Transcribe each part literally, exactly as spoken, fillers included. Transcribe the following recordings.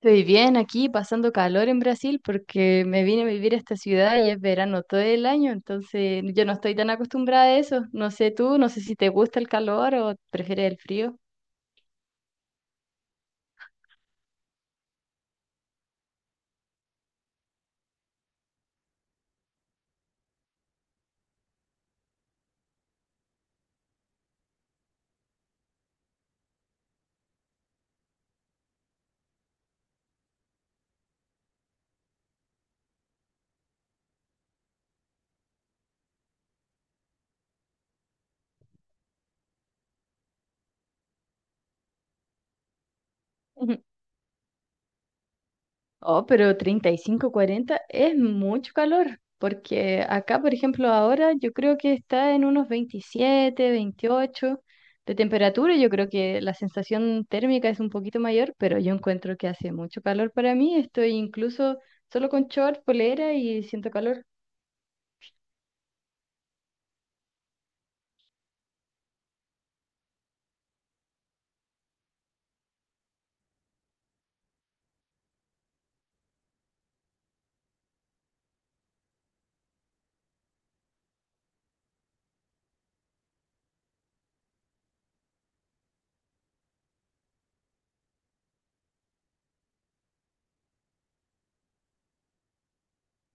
Estoy bien aquí, pasando calor en Brasil porque me vine a vivir a esta ciudad y es verano todo el año, entonces yo no estoy tan acostumbrada a eso. No sé tú, no sé si te gusta el calor o prefieres el frío. Oh, pero treinta y cinco, cuarenta, es mucho calor, porque acá, por ejemplo, ahora yo creo que está en unos veintisiete, veintiocho de temperatura. Yo creo que la sensación térmica es un poquito mayor, pero yo encuentro que hace mucho calor para mí. Estoy incluso solo con short, polera y siento calor.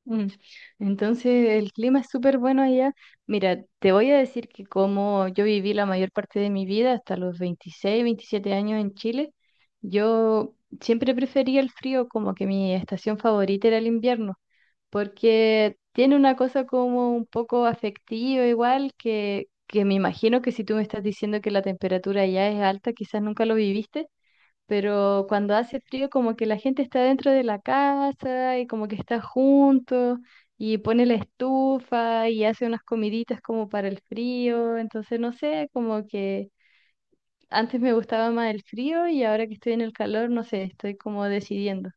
Mm, Entonces el clima es súper bueno allá. Mira, te voy a decir que como yo viví la mayor parte de mi vida, hasta los veintiséis, veintisiete años en Chile, yo siempre prefería el frío, como que mi estación favorita era el invierno, porque tiene una cosa como un poco afectiva igual, que, que me imagino que si tú me estás diciendo que la temperatura allá es alta, quizás nunca lo viviste, pero cuando hace frío como que la gente está dentro de la casa y como que está junto y pone la estufa y hace unas comiditas como para el frío, entonces no sé, como que antes me gustaba más el frío y ahora que estoy en el calor, no sé, estoy como decidiendo.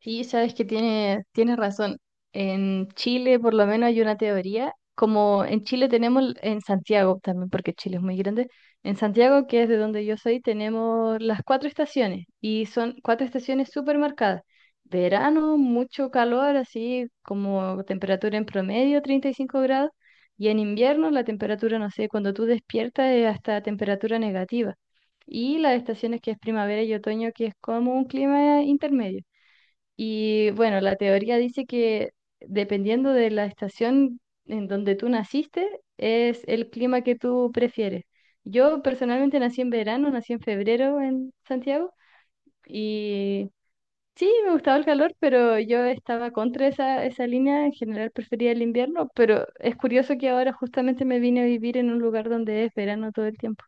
Sí, sabes que tiene, tienes razón. En Chile, por lo menos, hay una teoría, como en Chile tenemos, l- en Santiago también, porque Chile es muy grande, en Santiago, que es de donde yo soy, tenemos las cuatro estaciones y son cuatro estaciones súper marcadas. Verano, mucho calor, así como temperatura en promedio, treinta y cinco grados, y en invierno la temperatura, no sé, cuando tú despiertas es hasta temperatura negativa. Y las estaciones que es primavera y otoño, que es como un clima intermedio. Y bueno, la teoría dice que dependiendo de la estación en donde tú naciste, es el clima que tú prefieres. Yo personalmente nací en verano, nací en febrero en Santiago y sí, me gustaba el calor, pero yo estaba contra esa, esa línea, en general prefería el invierno, pero es curioso que ahora justamente me vine a vivir en un lugar donde es verano todo el tiempo.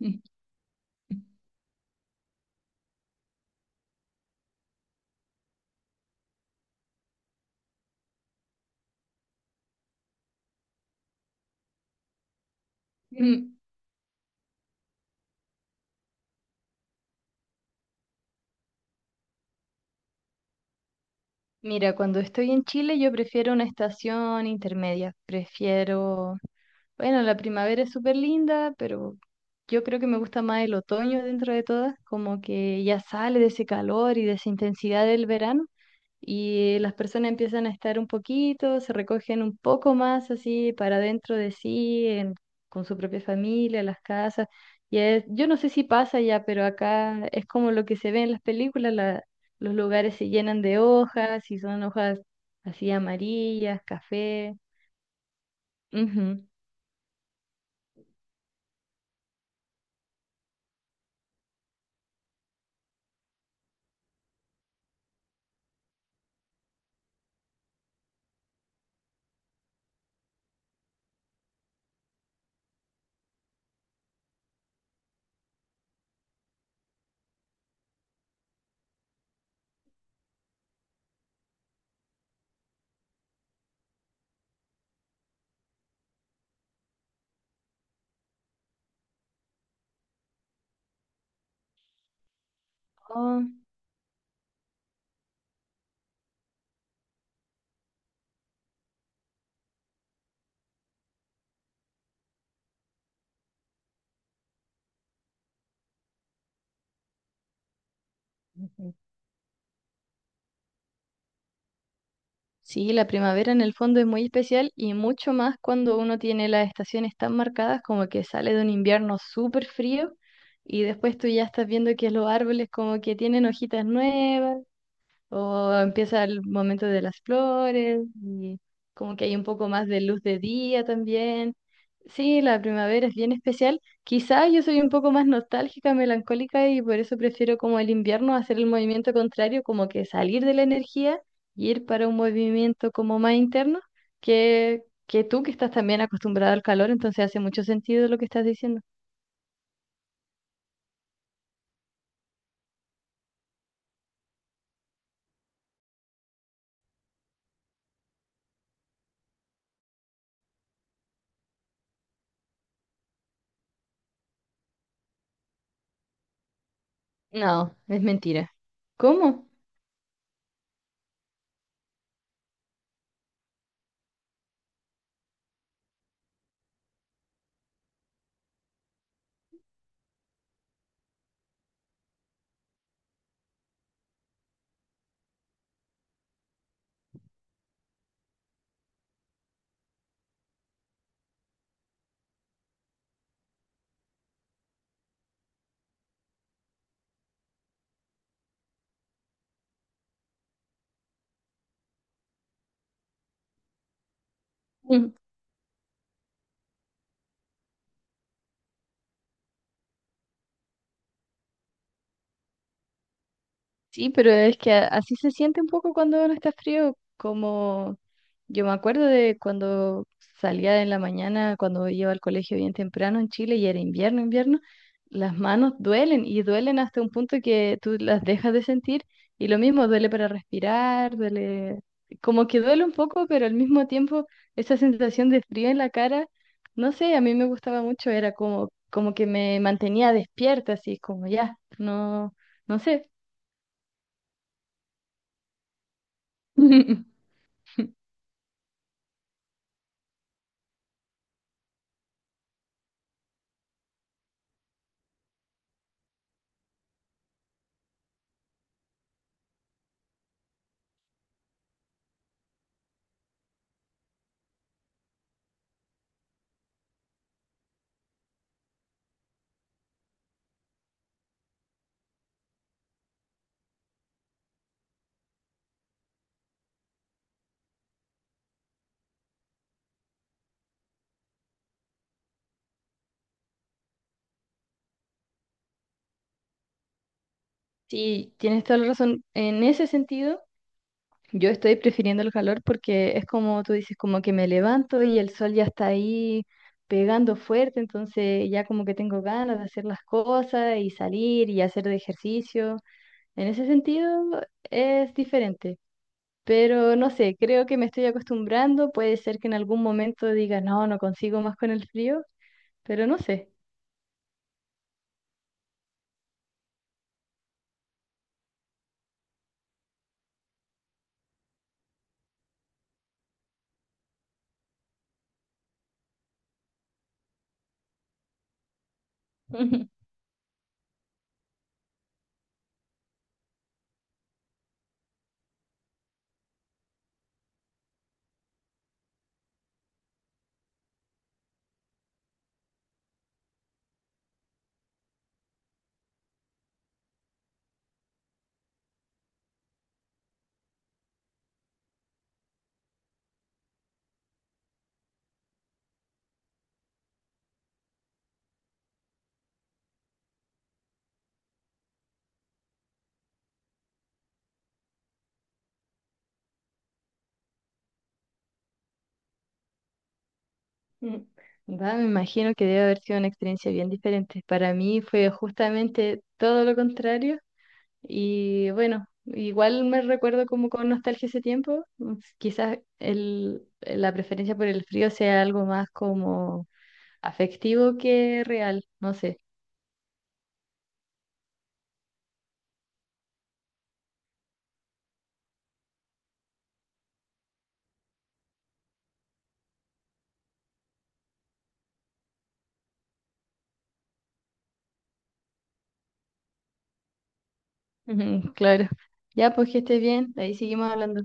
Mm. Mira, cuando estoy en Chile yo prefiero una estación intermedia, prefiero. Bueno, la primavera es súper linda, pero yo creo que me gusta más el otoño dentro de todas, como que ya sale de ese calor y de esa intensidad del verano y las personas empiezan a estar un poquito, se recogen un poco más así para dentro de sí, en- con su propia familia, las casas. Y es- yo no sé si pasa ya, pero acá es como lo que se ve en las películas, la- los lugares se llenan de hojas y son hojas así amarillas, café. Ujú. Oh. Sí, la primavera en el fondo es muy especial y mucho más cuando uno tiene las estaciones tan marcadas como que sale de un invierno súper frío y después tú ya estás viendo que los árboles como que tienen hojitas nuevas o empieza el momento de las flores y como que hay un poco más de luz de día también. Sí, la primavera es bien especial. Quizá yo soy un poco más nostálgica, melancólica y por eso prefiero como el invierno hacer el movimiento contrario, como que salir de la energía y ir para un movimiento como más interno que, que tú que estás también acostumbrada al calor, entonces hace mucho sentido lo que estás diciendo. No, es mentira. ¿Cómo? Sí, pero es que a- así se siente un poco cuando uno está frío, como yo me acuerdo de cuando salía en la mañana, cuando iba al colegio bien temprano en Chile y era invierno, invierno, las manos duelen y duelen hasta un punto que tú las dejas de sentir y lo mismo duele para respirar, duele, como que duele un poco, pero al mismo tiempo esa sensación de frío en la cara, no sé, a mí me gustaba mucho, era como, como que me mantenía despierta, así como ya, no, no sé. Sí, tienes toda la razón. En ese sentido, yo estoy prefiriendo el calor porque es como tú dices, como que me levanto y el sol ya está ahí pegando fuerte, entonces ya como que tengo ganas de hacer las cosas y salir y hacer de ejercicio. En ese sentido es diferente, pero no sé, creo que me estoy acostumbrando. Puede ser que en algún momento diga, no, no consigo más con el frío, pero no sé. Mm. Va, me imagino que debe haber sido una experiencia bien diferente. Para mí fue justamente todo lo contrario y bueno, igual me recuerdo como con nostalgia ese tiempo. Mm, Quizás el, la preferencia por el frío sea algo más como afectivo que real, no sé. Ujú. Claro. Ya, pues que estés bien, ahí seguimos hablando.